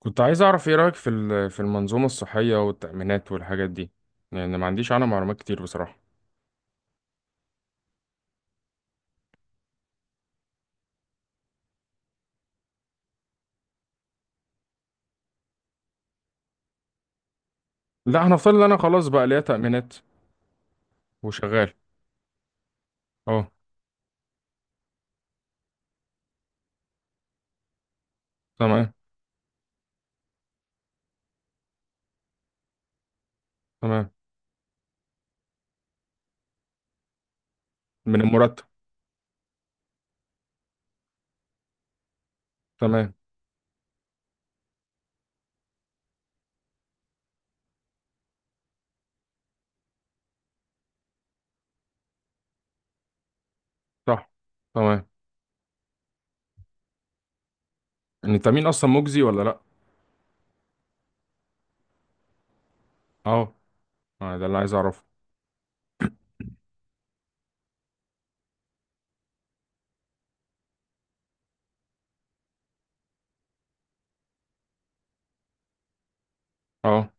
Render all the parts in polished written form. كنت عايز اعرف ايه رأيك في المنظومة الصحية والتأمينات والحاجات دي، لان ما عنديش عنها معلومات كتير بصراحة. لا، هنفترض ان انا خلاص بقى ليا تأمينات وشغال. اه. تمام. تمام. من المرتب. تمام. صح. تمام. ان التأمين اصلا مجزي ولا لا؟ اه. آه، ده اللي عايز اعرفه. اه.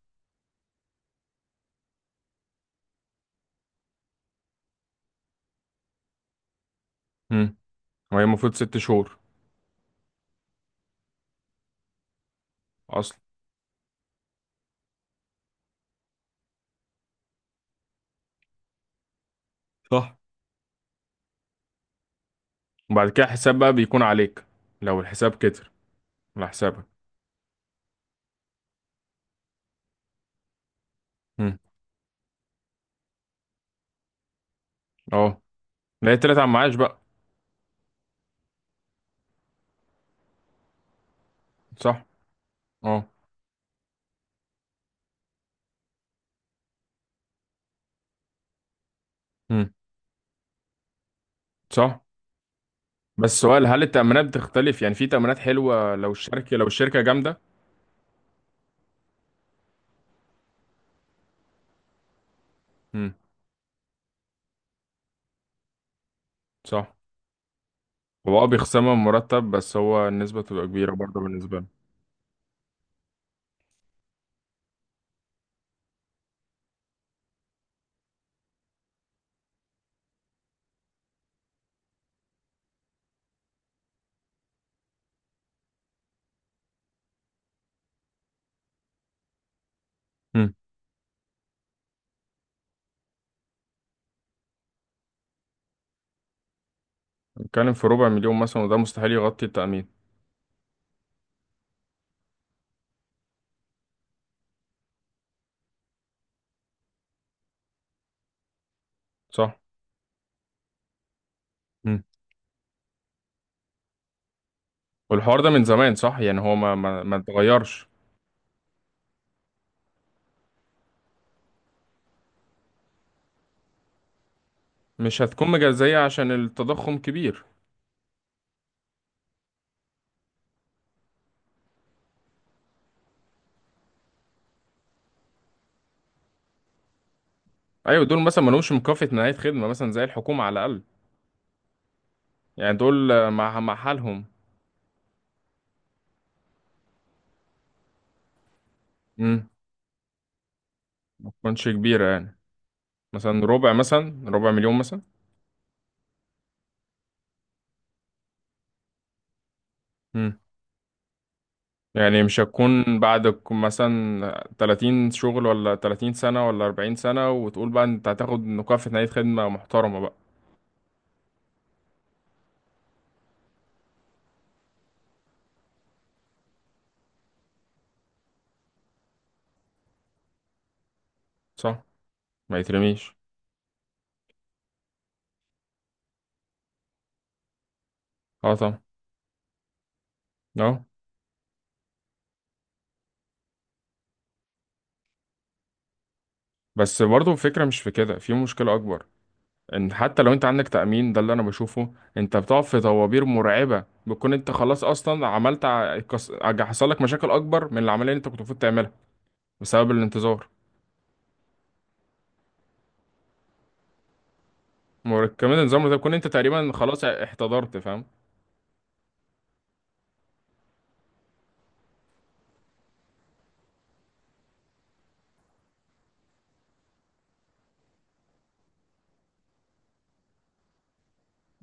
امم. وهي المفروض 6 شهور اصلا. صح. وبعد كده حساب بقى بيكون عليك، لو الحساب كتر على حسابك. امم. اه. لا، هي طلعت على المعاش بقى. صح. اه. امم. صح. بس سؤال، هل التأمينات بتختلف؟ يعني في تأمينات حلوة لو الشركة جامدة؟ امم. صح. هو اه بيخصمها من مرتب، بس هو النسبة تبقى كبيرة برضه بالنسبة له. امم. بتتكلم في ربع مليون مثلا، وده مستحيل يغطي التأمين. صح. امم. والحوار ده من زمان، صح؟ يعني هو ما اتغيرش. مش هتكون مجزية عشان التضخم كبير. ايوه، دول مثلا ما لهمش مكافأة نهاية خدمة مثلا زي الحكومة على الأقل. يعني دول آه، مع حالهم. امم. ما تكونش كبيرة يعني، مثلا ربع مليون مثلا. يعني مش هتكون بعد مثلا 30 شغل، ولا 30 سنة، ولا 40 سنة، وتقول بقى انت هتاخد مكافأة نهاية خدمة محترمة بقى. صح. ما يترميش. اه طبعا. اه. بس برضه الفكرة مش في كده، في مشكلة أكبر. إن حتى لو أنت عندك تأمين، ده اللي أنا بشوفه، أنت بتقع في طوابير مرعبة، بتكون أنت خلاص أصلا عملت ع- كس- ع- حصل لك مشاكل أكبر من العملية اللي أنت كنت المفروض تعملها، بسبب الانتظار. كمان النظام ده بتكون أنت تقريبا خلاص احتضرت، فاهم؟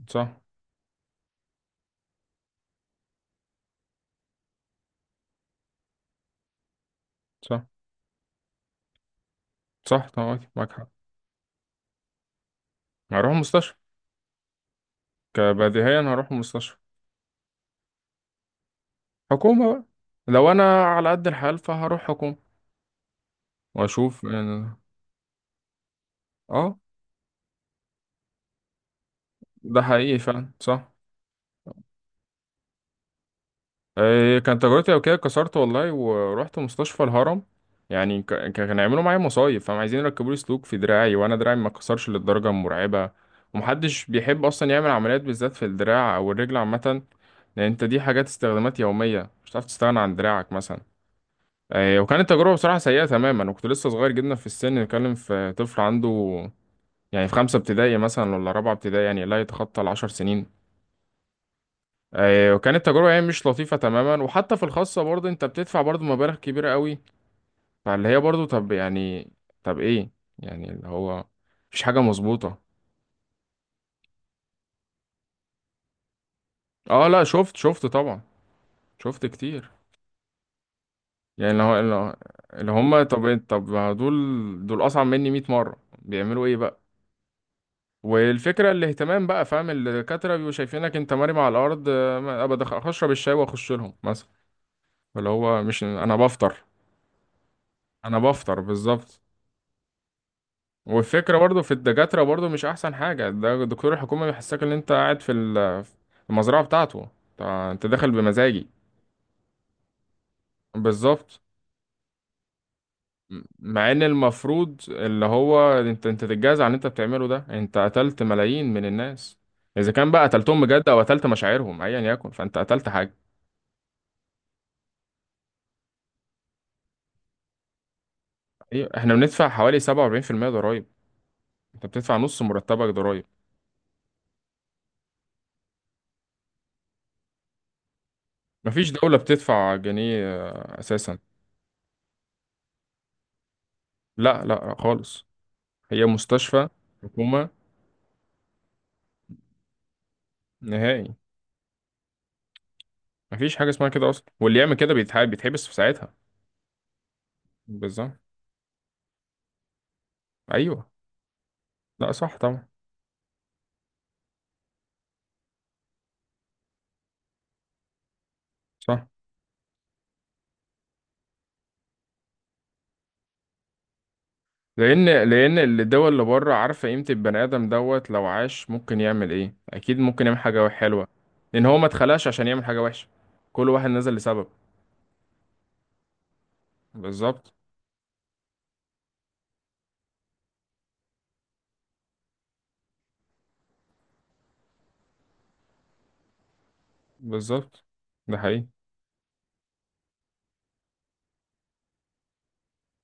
صح. صح. صح طبعا، معاك حق. هروح مستشفى. كبديهيا هروح مستشفى. حكومة بقى، لو انا على قد الحال فهروح حكومة واشوف يعني. اه. ده حقيقي فعلا، صح. إيه كان تجربتي؟ او كده، كسرت والله ورحت مستشفى الهرم. يعني كانوا يعملوا معايا مصايب، فهم عايزين يركبوا لي سلوك في دراعي، وانا دراعي ما اتكسرش للدرجة المرعبة. ومحدش بيحب اصلا يعمل عمليات بالذات في الدراع او الرجل عامة، لان انت دي حاجات استخدامات يومية، مش هتعرف تستغنى عن دراعك مثلا. آه، وكانت تجربة بصراحة سيئة تماما، وكنت لسه صغير جدا في السن. بتكلم في طفل عنده يعني في 5 ابتدائي مثلا، ولا رابعة ابتدائي، يعني لا يتخطى الـ10 سنين. آه، وكانت تجربة يعني مش لطيفة تماما. وحتى في الخاصة برضه انت بتدفع برضه مبالغ كبيرة قوي. فاللي هي برضه، طب يعني، طب ايه، يعني اللي هو، مفيش حاجة مظبوطة. اه. لا، شفت طبعا. شفت كتير. يعني اللي هم، طب ما دول، دول أصعب مني 100 مرة، بيعملوا ايه بقى؟ والفكرة الاهتمام بقى، فاهم؟ الدكاترة بيبقوا شايفينك انت مرمي على الأرض. آه، أبقى أشرب الشاي وأخش لهم مثلا. اللي هو مش أنا بفطر. أنا بفطر بالظبط. والفكرة برضو في الدكاترة برضو مش أحسن حاجة. ده دكتور الحكومة بيحسسك إن أنت قاعد في المزرعة بتاعته. أنت أنت داخل بمزاجي. بالظبط. مع إن المفروض اللي هو أنت تتجازى على اللي أنت بتعمله. ده أنت قتلت ملايين من الناس، إذا كان بقى قتلتهم بجد أو قتلت مشاعرهم، أيا يكن فأنت قتلت حاجة. ايوه، احنا بندفع حوالي 47% ضرائب. انت بتدفع نص مرتبك ضرائب. مفيش دولة بتدفع جنيه اساسا. لا لا خالص. هي مستشفى حكومة. نهائي. مفيش حاجة اسمها كده اصلا، واللي يعمل كده بيتحبس في ساعتها. بالظبط. ايوه. لا صح طبعا. صح. لان الدول اللي بره عارفة قيمة البني ادم دوت، لو عاش ممكن يعمل ايه، اكيد ممكن يعمل حاجة حلوة. لان هو ما اتخلقش عشان يعمل حاجة وحشة، كل واحد نزل لسبب. بالظبط. بالظبط. ده حقيقي.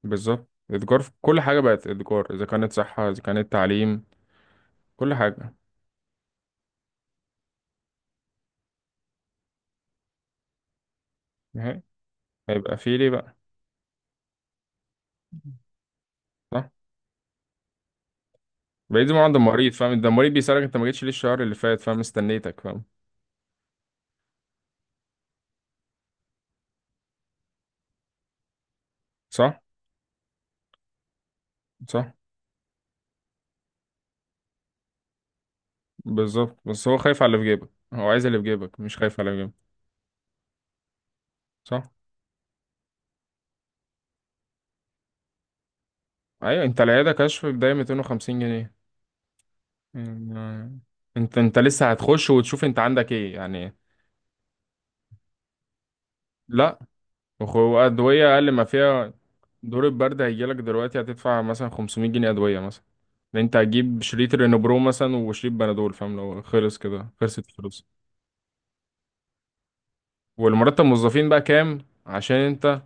بالظبط. الاتجار في كل حاجة بقت اتجار، إذا كانت صحة إذا كانت تعليم، كل حاجة. نهائي. هيبقى فيه ليه بقى؟ صح. بعيد ما عند المريض، فاهم؟ ده المريض بيسألك، أنت ما جيتش ليه الشهر اللي فات؟ فاهم؟ استنيتك، فاهم؟ صح. صح. بالظبط، بس هو خايف على اللي في جيبك. هو عايز اللي في جيبك، مش خايف على اللي في جيبك. صح. أيوة، أنت العيادة كشف بداية 250 جنيه، يعني أنت لسه هتخش وتشوف أنت عندك إيه يعني. لا. وأدوية أقل ما فيها. دور البرد هيجيلك دلوقتي، هتدفع مثلا 500 جنيه أدوية مثلا. لأن أنت هتجيب شريط رينبرو مثلا وشريط بنادول، فاهم؟ لو خلص كده خلصت الفلوس. والمرتب الموظفين بقى كام، عشان أنت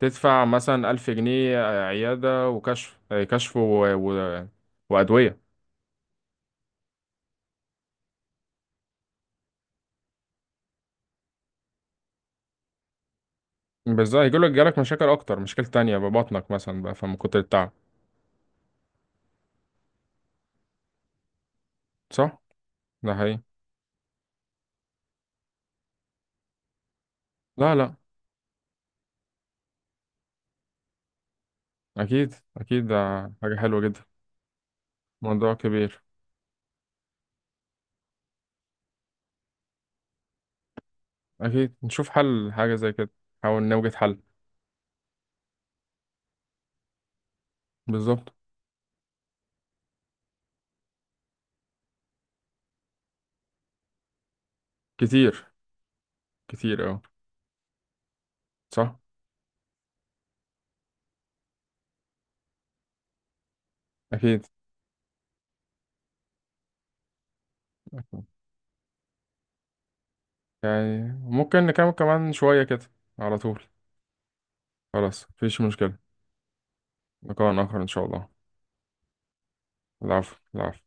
تدفع مثلا 1000 جنيه عيادة، وكشف آه، كشف وأدوية. بالظبط، هيجيلك، جالك مشاكل أكتر، مشاكل تانية ببطنك مثلا بقى، فمن كتر التعب. صح؟ ده حقيقي. لا لا. أكيد أكيد، ده حاجة حلوة جدا. موضوع كبير. أكيد نشوف حل حاجة زي كده. نحاول نوجد حل، بالظبط. كتير. كتير اه. صح. اكيد. أكيد. يعني ممكن نكمل كمان شوية كده، على طول. خلاص مفيش مشكلة. لقاء آخر إن شاء الله. العفو، العفو.